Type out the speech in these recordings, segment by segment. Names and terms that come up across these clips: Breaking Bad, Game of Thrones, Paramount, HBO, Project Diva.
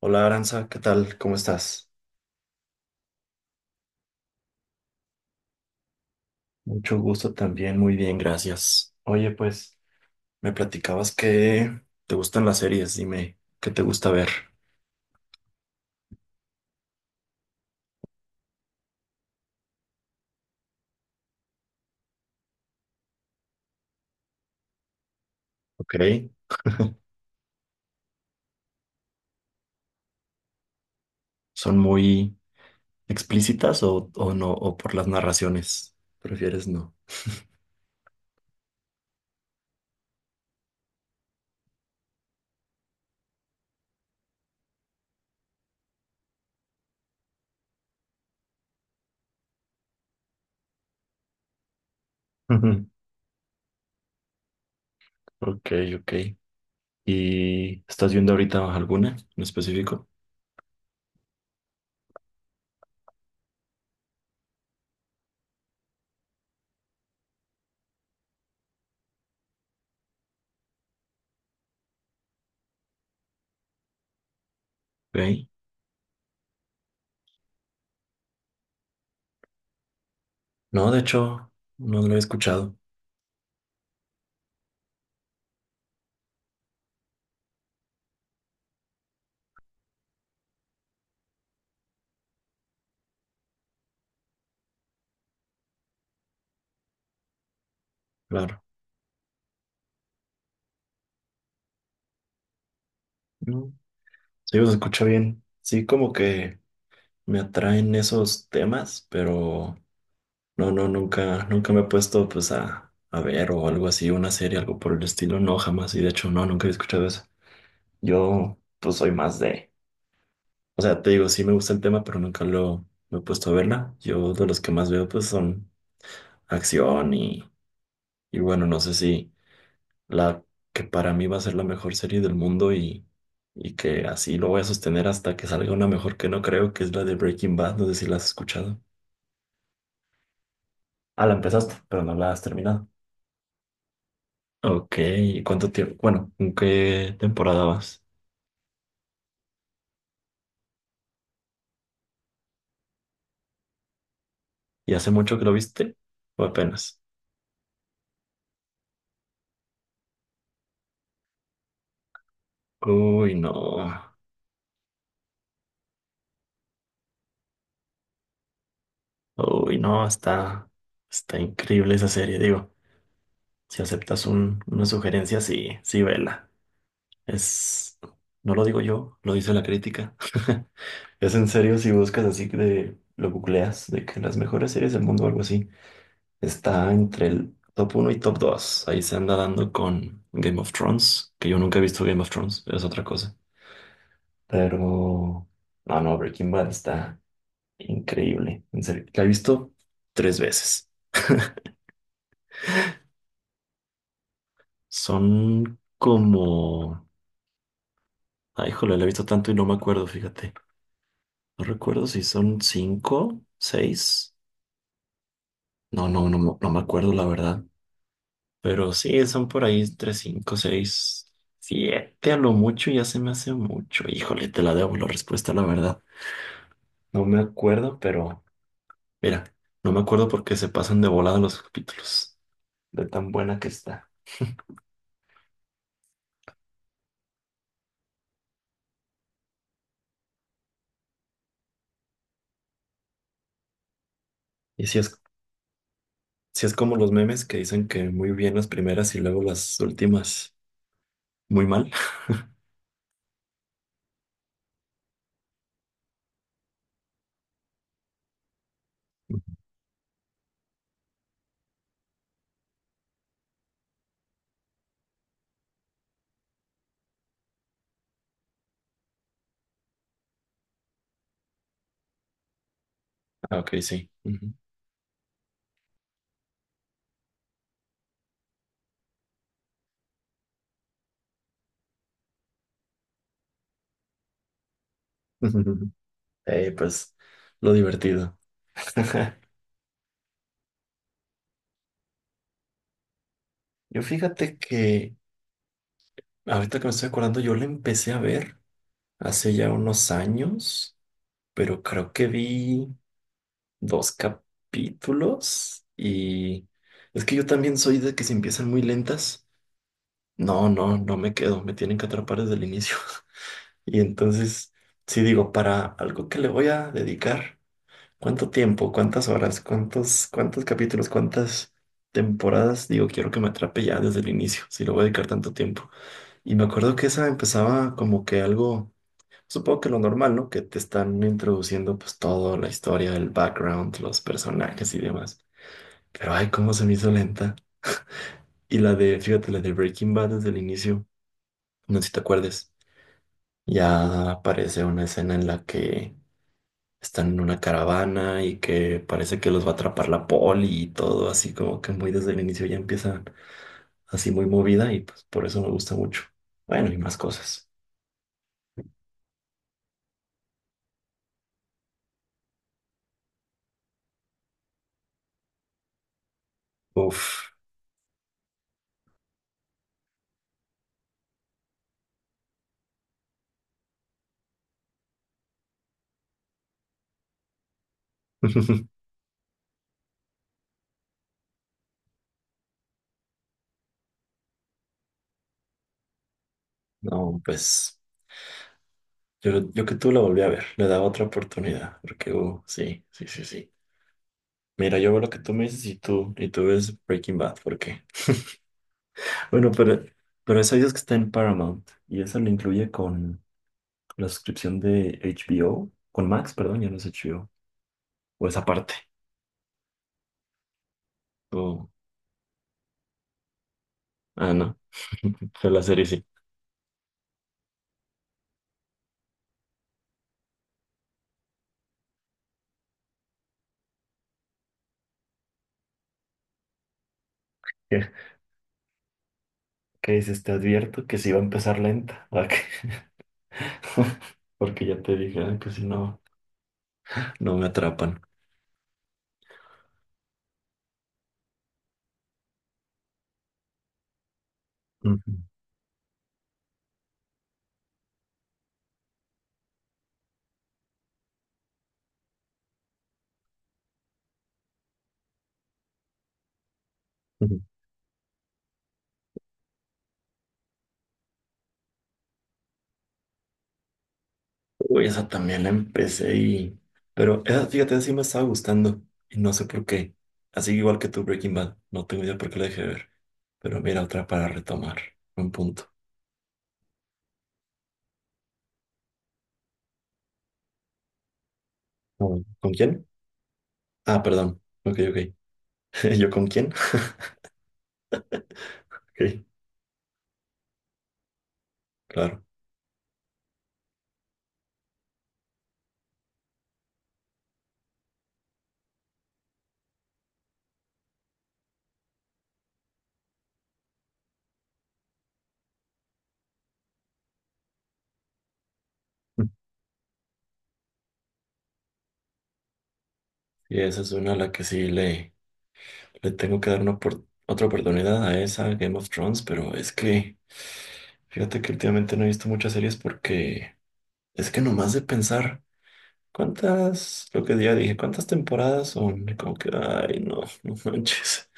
Hola Aranza, ¿qué tal? ¿Cómo estás? Mucho gusto también, muy bien, gracias. Oye, pues, me platicabas que te gustan las series, dime, ¿qué te gusta ver? ¿Ok? ¿Son muy explícitas o no? ¿O por las narraciones? ¿Prefieres no? Ujú. Ok, ok. ¿Y estás viendo ahorita alguna en específico? Ok. No, de hecho, no lo he escuchado, claro. No. Sí, se escucha bien. Sí, como que me atraen esos temas, pero... No, no, nunca me he puesto pues a ver o algo así, una serie, algo por el estilo, no, jamás. Y de hecho, no, nunca he escuchado eso. Yo pues soy más de, o sea, te digo, sí me gusta el tema, pero nunca lo me he puesto a verla. Yo de los que más veo pues son acción y bueno, no sé si la que para mí va a ser la mejor serie del mundo y que así lo voy a sostener hasta que salga una mejor que no creo, que es la de Breaking Bad, no sé si la has escuchado. Ah, la empezaste, pero no la has terminado. Ok, ¿y ¿cuánto tiempo? Bueno, ¿en qué temporada vas? ¿Y hace mucho que lo viste? ¿O apenas? Uy, no. Uy, no, está increíble esa serie. Digo, si aceptas una sugerencia, sí, sí, vela. Es, no lo digo yo, lo dice la crítica. Es en serio si buscas así de, lo googleas, de que las mejores series del mundo o algo así. Está entre el top uno y top 2. Ahí se anda dando con Game of Thrones, que yo nunca he visto Game of Thrones, es otra cosa. Pero, no, Breaking Bad está increíble. En serio, la he visto tres veces. Son como... Ay, híjole, la he visto tanto y no me acuerdo, fíjate. No recuerdo si son cinco, seis. No, no me acuerdo, la verdad. Pero sí, son por ahí entre cinco, seis, siete a lo mucho. Ya se me hace mucho. Híjole, te la debo la respuesta, la verdad. No me acuerdo, pero... Mira, no me acuerdo porque se pasan de volada los capítulos. De tan buena que está. Y si es, si es como los memes que dicen que muy bien las primeras y luego las últimas muy mal. Ah, ok, sí. Ujú. Pues lo divertido. Yo fíjate que ahorita que me estoy acordando, yo la empecé a ver hace ya unos años, pero creo que vi dos capítulos y es que yo también soy de que si empiezan muy lentas, no me quedo, me tienen que atrapar desde el inicio. Y entonces, sí digo, para algo que le voy a dedicar, ¿cuánto tiempo, cuántas horas, cuántos capítulos, cuántas temporadas? Digo, quiero que me atrape ya desde el inicio, si lo voy a dedicar tanto tiempo. Y me acuerdo que esa empezaba como que algo, supongo que lo normal, ¿no? Que te están introduciendo pues toda la historia, el background, los personajes y demás. Pero ay, cómo se me hizo lenta. Y la de, fíjate, la de Breaking Bad desde el inicio, no sé si te acuerdes. Ya aparece una escena en la que están en una caravana y que parece que los va a atrapar la poli y todo, así como que muy desde el inicio ya empieza así muy movida y pues por eso me gusta mucho. Bueno, y más cosas. Uf. No, pues yo que tú la volví a ver, le daba otra oportunidad, porque sí, sí, sí, sí. Mira, yo veo lo que tú me dices y tú ves Breaking Bad, ¿por qué? Bueno, pero esa dices que está en Paramount y eso lo incluye con la suscripción de HBO, con Max, perdón, ya no es HBO, o esa parte. Oh, ah, no. Pero la serie sí. ¿Qué, ¿qué dices? Te advierto que sí va a empezar lenta. ¿A qué? Porque ya te dije ah, que si no, no me atrapan. Ujú, ujú. Uy, esa también la empecé y... Pero esa, fíjate, esa sí me estaba gustando. Y no sé por qué. Así igual que tu Breaking Bad. No tengo idea por qué la dejé de ver. Pero mira, otra para retomar. Un punto. A ver, ¿con quién? Ah, perdón. Ok. ¿Yo con quién? Ok, claro. Y esa es una a la que sí le... Le tengo que dar una otra oportunidad a esa Game of Thrones, pero es que fíjate que últimamente no he visto muchas series porque es que nomás de pensar cuántas, lo que ya dije, cuántas temporadas son, y como que, ay, no, no manches,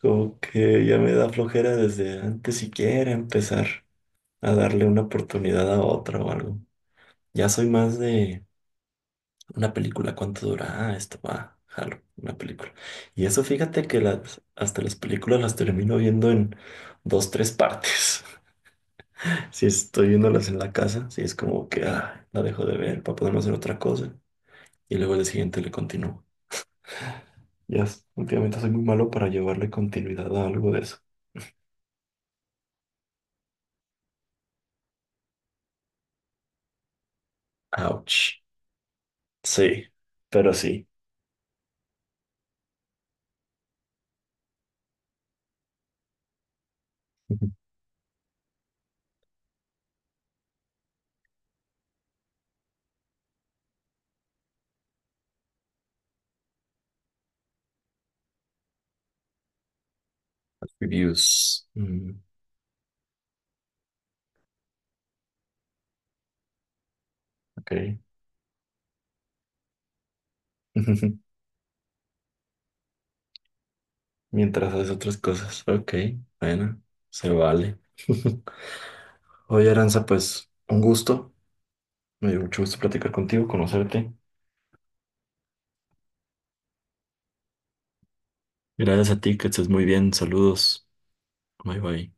como que ya me da flojera desde antes siquiera empezar a darle una oportunidad a otra o algo. Ya soy más de... Una película, ¿cuánto dura? Ah, esto va, jalo, una película. Y eso fíjate que las, hasta las películas las termino viendo en dos, tres partes. Si estoy viéndolas en la casa, si es como que ah, la dejo de ver para poderme hacer otra cosa. Y luego el siguiente le continúo. Ya, últimamente soy muy malo para llevarle continuidad a algo de eso. Ouch. Sí, pero sí. Ujú. Reviews. Mm, ok. Mientras haces otras cosas. Ok, bueno, se vale. Oye, Aranza, pues un gusto. Me dio mucho gusto platicar contigo, conocerte. Gracias a ti, que estés muy bien. Saludos. Bye bye.